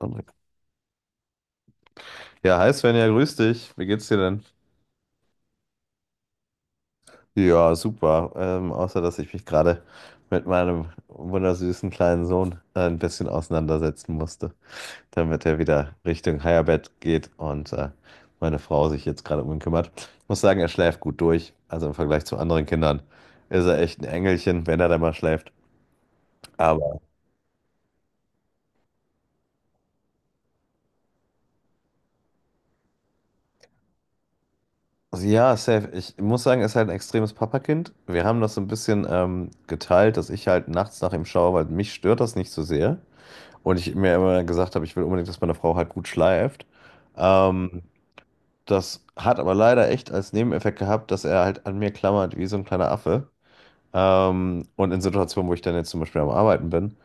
André. Ja, hi Svenja, grüß dich. Wie geht's dir denn? Ja, super. Außer, dass ich mich gerade mit meinem wundersüßen kleinen Sohn ein bisschen auseinandersetzen musste, damit er wieder Richtung Higherbett geht und meine Frau sich jetzt gerade um ihn kümmert. Ich muss sagen, er schläft gut durch. Also im Vergleich zu anderen Kindern ist er echt ein Engelchen, wenn er da mal schläft. Aber ja, safe. Ich muss sagen, er ist halt ein extremes Papakind. Wir haben das so ein bisschen geteilt, dass ich halt nachts nach ihm schaue, weil mich stört das nicht so sehr, und ich mir immer gesagt habe, ich will unbedingt, dass meine Frau halt gut schleift. Ähm, Das hat aber leider echt als Nebeneffekt gehabt, dass er halt an mir klammert wie so ein kleiner Affe. Und in Situationen, wo ich dann jetzt zum Beispiel am Arbeiten bin,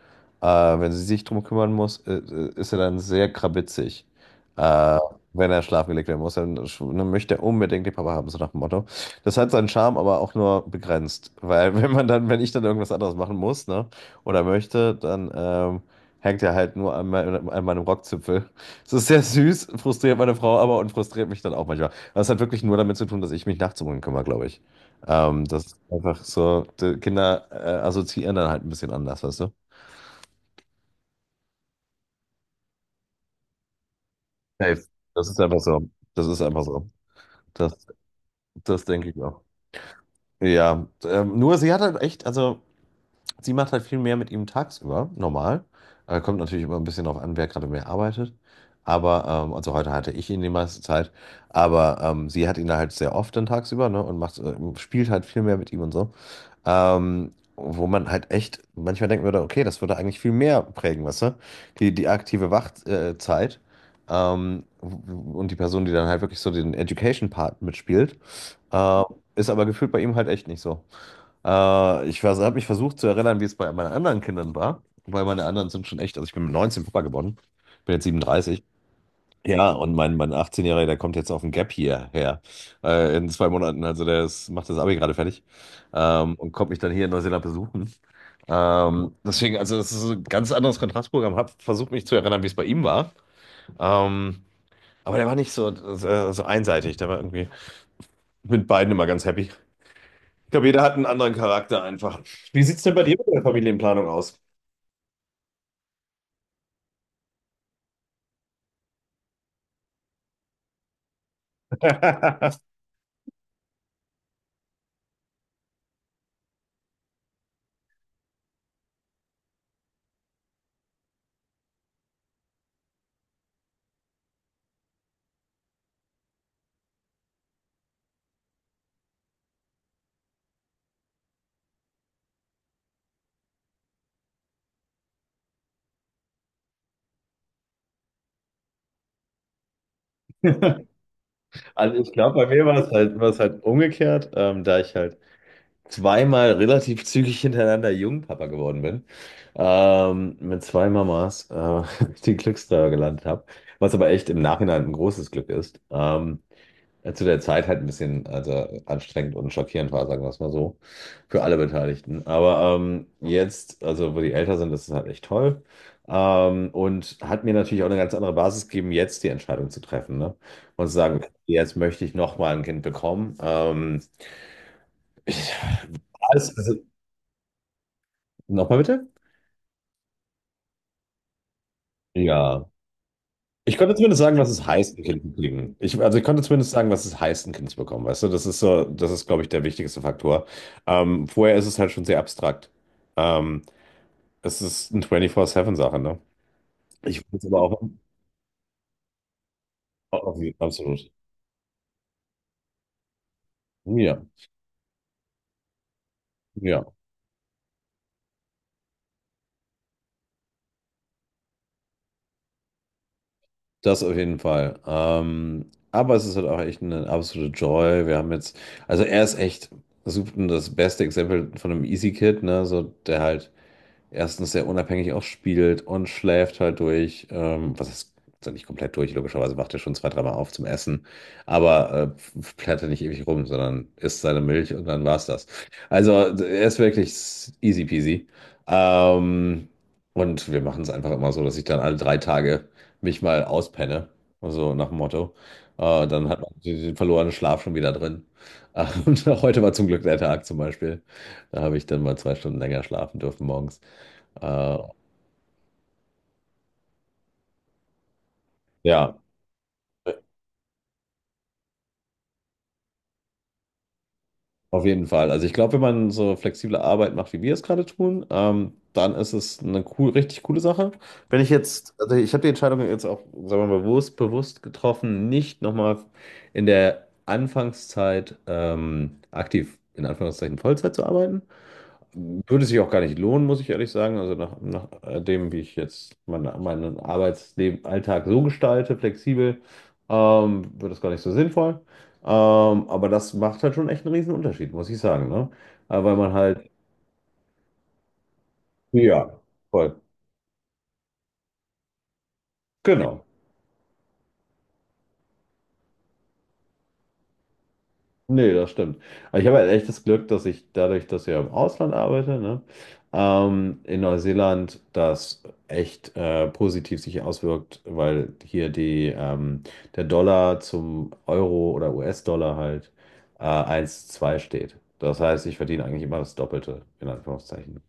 äh, wenn sie sich drum kümmern muss, ist er dann sehr krabitzig. Äh, Wenn er schlafen gelegt werden muss, dann, dann möchte er unbedingt den Papa haben, so nach dem Motto. Das hat seinen Charme, aber auch nur begrenzt. Weil wenn man dann, wenn ich dann irgendwas anderes machen muss, ne, oder möchte, dann hängt er halt nur an, an meinem Rockzipfel. Es ist sehr süß, frustriert meine Frau aber und frustriert mich dann auch manchmal. Das hat wirklich nur damit zu tun, dass ich mich nachts um ihn kümmere, glaube ich. Das ist einfach so, die Kinder assoziieren dann halt ein bisschen anders, weißt du? Safe. Das ist einfach so. Das ist einfach so. Das, Das denke ich auch. Ja, nur sie hat halt echt, also sie macht halt viel mehr mit ihm tagsüber, normal. Kommt natürlich immer ein bisschen drauf an, wer gerade mehr arbeitet. Aber, also heute hatte ich ihn die meiste Zeit, aber sie hat ihn da halt sehr oft dann tagsüber, ne, und macht, spielt halt viel mehr mit ihm und so. Wo man halt echt manchmal denken würde, okay, das würde eigentlich viel mehr prägen, weißt du? Die, die aktive Wachzeit. Zeit, und die Person, die dann halt wirklich so den Education-Part mitspielt, äh, ist aber gefühlt bei ihm halt echt nicht so. Ich habe mich versucht zu erinnern, wie es bei meinen anderen Kindern war, weil meine anderen sind schon echt, also ich bin mit 19 Papa geworden, bin jetzt 37. Ja, und mein 18-Jähriger, der kommt jetzt auf ein Gap hierher, in 2 Monaten. Also der ist, macht das Abi gerade fertig, und kommt mich dann hier in Neuseeland besuchen. Deswegen, also das ist so ein ganz anderes Kontrastprogramm. Hab versucht mich zu erinnern, wie es bei ihm war. Ähm, aber der war nicht so, so, so einseitig. Der war irgendwie mit beiden immer ganz happy. Ich glaube, jeder hat einen anderen Charakter einfach. Wie sieht's denn bei dir mit der Familienplanung aus? Also ich glaube, bei mir war es halt umgekehrt, da ich halt zweimal relativ zügig hintereinander Jungpapa geworden bin. Mit 2 Mamas den Glückstreffer gelandet habe. Was aber echt im Nachhinein ein großes Glück ist. Zu der Zeit halt ein bisschen, also anstrengend und schockierend war, sagen wir es mal so, für alle Beteiligten. Aber jetzt, also wo die älter sind, ist es halt echt toll. Und hat mir natürlich auch eine ganz andere Basis gegeben, jetzt die Entscheidung zu treffen, ne? Und zu sagen, okay, jetzt möchte ich nochmal ein Kind bekommen. Ich, alles, also, nochmal bitte? Ja. Ich konnte zumindest sagen, was es heißt, ein Kind zu kriegen. Ich, also ich konnte zumindest sagen, was es heißt, ein Kind zu bekommen. Weißt du, das ist so, das ist, glaube ich, der wichtigste Faktor. Vorher ist es halt schon sehr abstrakt. Ähm, Es ist eine 24-7-Sache, ne? Ich finde es aber auch, auch absolut. Ja, ja, das auf jeden Fall. Aber es ist halt auch echt eine absolute Joy. Wir haben jetzt, also er ist echt super, das beste Exempel von einem Easy Kid, ne? So, der halt erstens sehr unabhängig auch spielt und schläft halt durch. Was ist, also nicht komplett durch, logischerweise wacht er schon zwei, dreimal auf zum Essen, aber plärt er nicht ewig rum, sondern isst seine Milch und dann war's das. Also er ist wirklich easy peasy. Ähm, und wir machen es einfach immer so, dass ich dann alle 3 Tage mich mal auspenne, also nach dem Motto. Dann hat man den verlorenen Schlaf schon wieder drin. Und heute war zum Glück der Tag zum Beispiel. Da habe ich dann mal 2 Stunden länger schlafen dürfen morgens. Äh, ja, auf jeden Fall. Also ich glaube, wenn man so flexible Arbeit macht, wie wir es gerade tun, dann ist es eine cool, richtig coole Sache. Wenn ich jetzt, also ich habe die Entscheidung jetzt auch, sagen wir mal, bewusst, bewusst getroffen, nicht nochmal in der Anfangszeit aktiv in Anführungszeichen Vollzeit zu arbeiten. Würde sich auch gar nicht lohnen, muss ich ehrlich sagen. Also nach, nach dem, wie ich jetzt meine, meinen Arbeitsleben, Alltag so gestalte, flexibel, wird das gar nicht so sinnvoll. Ähm, aber das macht halt schon echt einen riesen Unterschied, muss ich sagen, ne? Weil man halt, ja, voll, genau. Nee, das stimmt. Aber ich habe halt echt das Glück, dass ich dadurch, dass ich ja im Ausland arbeite, ne, in Neuseeland das echt positiv sich auswirkt, weil hier die, der Dollar zum Euro oder US-Dollar halt 1,2 steht. Das heißt, ich verdiene eigentlich immer das Doppelte, in Anführungszeichen.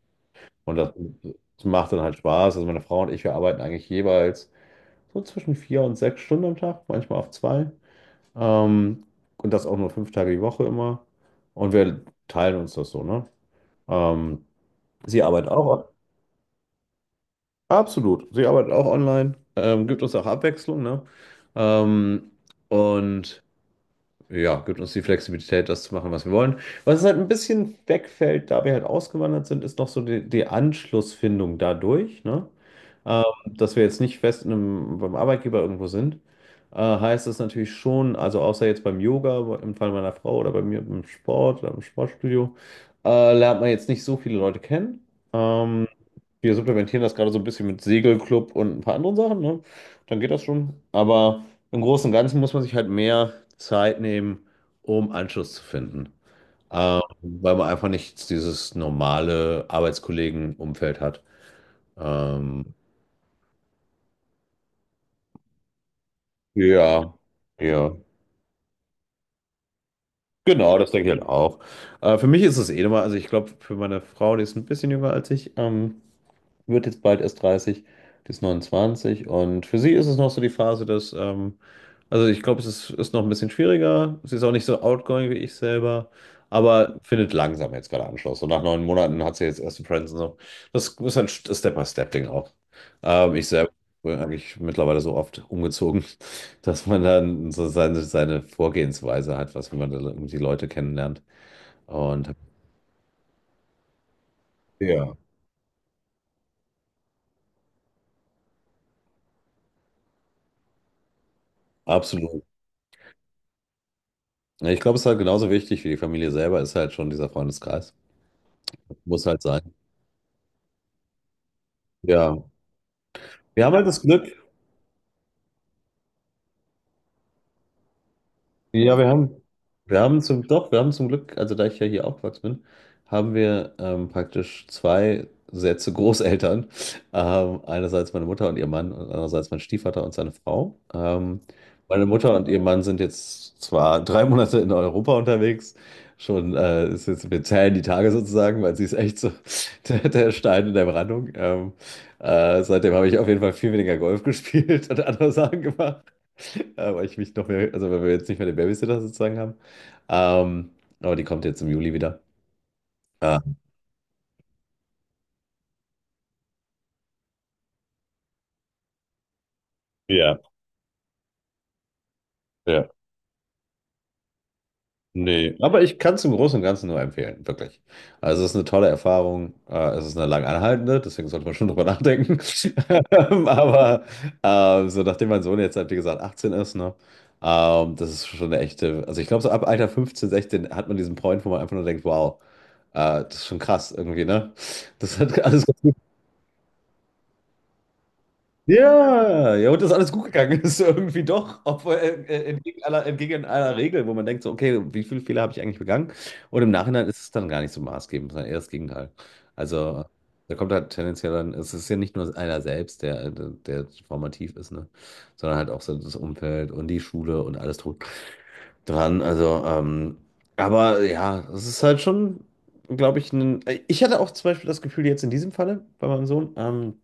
Und das macht dann halt Spaß. Also meine Frau und ich, wir arbeiten eigentlich jeweils so zwischen 4 und 6 Stunden am Tag, manchmal auf zwei. Ähm, und das auch nur 5 Tage die Woche immer. Und wir teilen uns das so, ne? Ähm, Sie arbeitet auch, absolut. Sie arbeitet auch online, gibt uns auch Abwechslung, ne? Ähm, und ja, gibt uns die Flexibilität, das zu machen, was wir wollen. Was halt ein bisschen wegfällt, da wir halt ausgewandert sind, ist noch so die, die Anschlussfindung dadurch, ne? Dass wir jetzt nicht fest in einem, beim Arbeitgeber irgendwo sind, heißt das natürlich schon, also außer jetzt beim Yoga, im Fall meiner Frau oder bei mir im Sport oder im Sportstudio, lernt man jetzt nicht so viele Leute kennen. Ähm, Wir supplementieren das gerade so ein bisschen mit Segelclub und ein paar anderen Sachen, ne? Dann geht das schon. Aber im Großen und Ganzen muss man sich halt mehr Zeit nehmen, um Anschluss zu finden. Weil man einfach nicht dieses normale Arbeitskollegenumfeld hat. Ähm, ja, ja. Genau, das denke ich halt auch. Für mich ist es eh nochmal, also ich glaube, für meine Frau, die ist ein bisschen jünger als ich, wird jetzt bald erst 30, die ist 29 und für sie ist es noch so die Phase, dass, also ich glaube, es ist, ist noch ein bisschen schwieriger. Sie ist auch nicht so outgoing wie ich selber, aber findet langsam jetzt gerade Anschluss. Und nach 9 Monaten hat sie jetzt erste Friends und so. Das ist halt ein Step-by-Step-Ding auch. Ich selber bin eigentlich mittlerweile so oft umgezogen, dass man dann so seine, seine Vorgehensweise hat, was wenn man da irgendwie die Leute kennenlernt. Und ja, absolut. Ja, ich glaube, es ist halt genauso wichtig wie die Familie selber, ist halt schon dieser Freundeskreis. Muss halt sein. Ja. Wir haben halt das Glück, ja, wir haben zum, doch, wir haben zum Glück, also da ich ja hier aufgewachsen bin, haben wir praktisch zwei Sätze Großeltern. Einerseits meine Mutter und ihr Mann und andererseits mein Stiefvater und seine Frau. Meine Mutter und ihr Mann sind jetzt zwar 3 Monate in Europa unterwegs, schon ist jetzt, wir zählen die Tage sozusagen, weil sie ist echt so der, der Stein in der Brandung. Seitdem habe ich auf jeden Fall viel weniger Golf gespielt und andere Sachen gemacht. Weil ich mich noch mehr, also weil wir jetzt nicht mehr den Babysitter sozusagen haben. Ähm, aber die kommt jetzt im Juli wieder. Ah, ja, ja. Nee, aber ich kann es im Großen und Ganzen nur empfehlen, wirklich. Also es ist eine tolle Erfahrung, es ist eine lang anhaltende, deswegen sollte man schon drüber nachdenken. Aber so nachdem mein Sohn jetzt halt, wie gesagt, 18 ist, ne, das ist schon eine echte, also ich glaube, so ab Alter 15, 16 hat man diesen Point, wo man einfach nur denkt, wow, das ist schon krass irgendwie, ne? Das hat alles, ja, ja, und das ist alles gut gegangen. Das ist irgendwie doch, obwohl entgegen aller Regel, wo man denkt so, okay, wie viele Fehler habe ich eigentlich begangen? Und im Nachhinein ist es dann gar nicht so maßgebend, sondern eher das Gegenteil. Also da kommt halt tendenziell dann, es ist ja nicht nur einer selbst, der, der formativ ist, ne? Sondern halt auch so das Umfeld und die Schule und alles drum dran. Also, aber ja, es ist halt schon, glaube ich, ein, ich hatte auch zum Beispiel das Gefühl jetzt in diesem Falle bei meinem Sohn,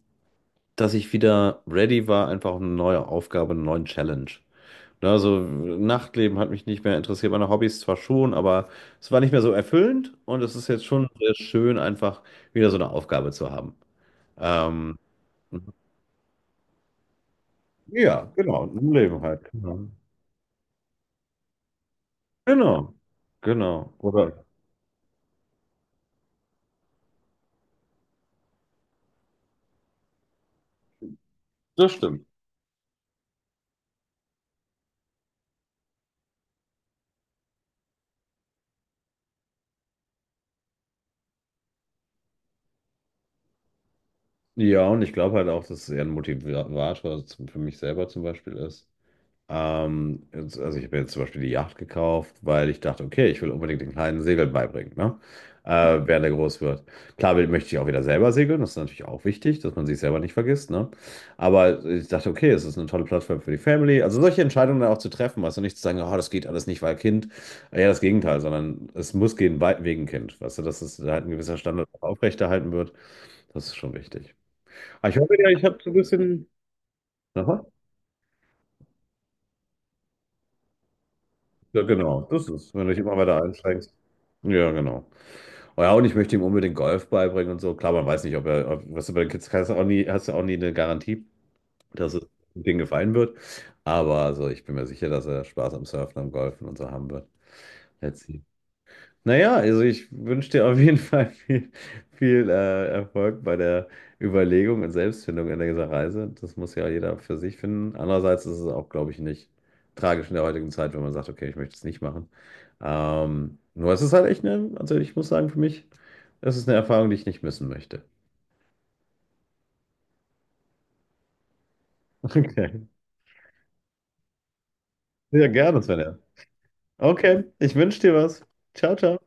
dass ich wieder ready war, einfach auf eine neue Aufgabe, eine neue Challenge. Ne, also Nachtleben hat mich nicht mehr interessiert, meine Hobbys zwar schon, aber es war nicht mehr so erfüllend und es ist jetzt schon sehr schön, einfach wieder so eine Aufgabe zu haben. Ähm, ja, genau, im Leben halt. Genau, genau, genau. Oder? Das stimmt. Ja, und ich glaube halt auch, dass es eher ein Motivator zum- für mich selber zum Beispiel ist. Jetzt- also ich habe jetzt zum Beispiel die Yacht gekauft, weil ich dachte, okay, ich will unbedingt den kleinen Segeln beibringen, ne? Mhm, während er groß wird. Klar will, möchte ich auch wieder selber segeln, das ist natürlich auch wichtig, dass man sich selber nicht vergisst, ne? Aber ich dachte, okay, es ist eine tolle Plattform für die Family. Also solche Entscheidungen dann auch zu treffen, weißt du, nicht zu sagen, oh, das geht alles nicht, weil Kind. Ja, das Gegenteil, sondern es muss gehen wegen Kind, weißt du, dass es halt ein gewisser Standard auch aufrechterhalten wird, das ist schon wichtig. Aber ich hoffe ja, ich habe so ein bisschen... Aha. Ja, genau, das ist, wenn du dich immer weiter einschränkst. Ja, genau. Oh ja, und ich möchte ihm unbedingt Golf beibringen und so. Klar, man weiß nicht, ob er, ob, was du bei den Kids kannst, du auch nie, hast du auch nie eine Garantie, dass es denen gefallen wird. Aber also ich bin mir sicher, dass er Spaß am Surfen, am Golfen und so haben wird. Let's see. Naja, also ich wünsche dir auf jeden Fall viel, viel Erfolg bei der Überlegung und Selbstfindung in dieser Reise. Das muss ja jeder für sich finden. Andererseits ist es auch, glaube ich, nicht tragisch in der heutigen Zeit, wenn man sagt, okay, ich möchte es nicht machen. Nur es ist halt echt eine, also ich muss sagen, für mich, es ist eine Erfahrung, die ich nicht missen möchte. Okay. Ja, gerne, Svenja. Okay, ich wünsche dir was. Ciao, ciao.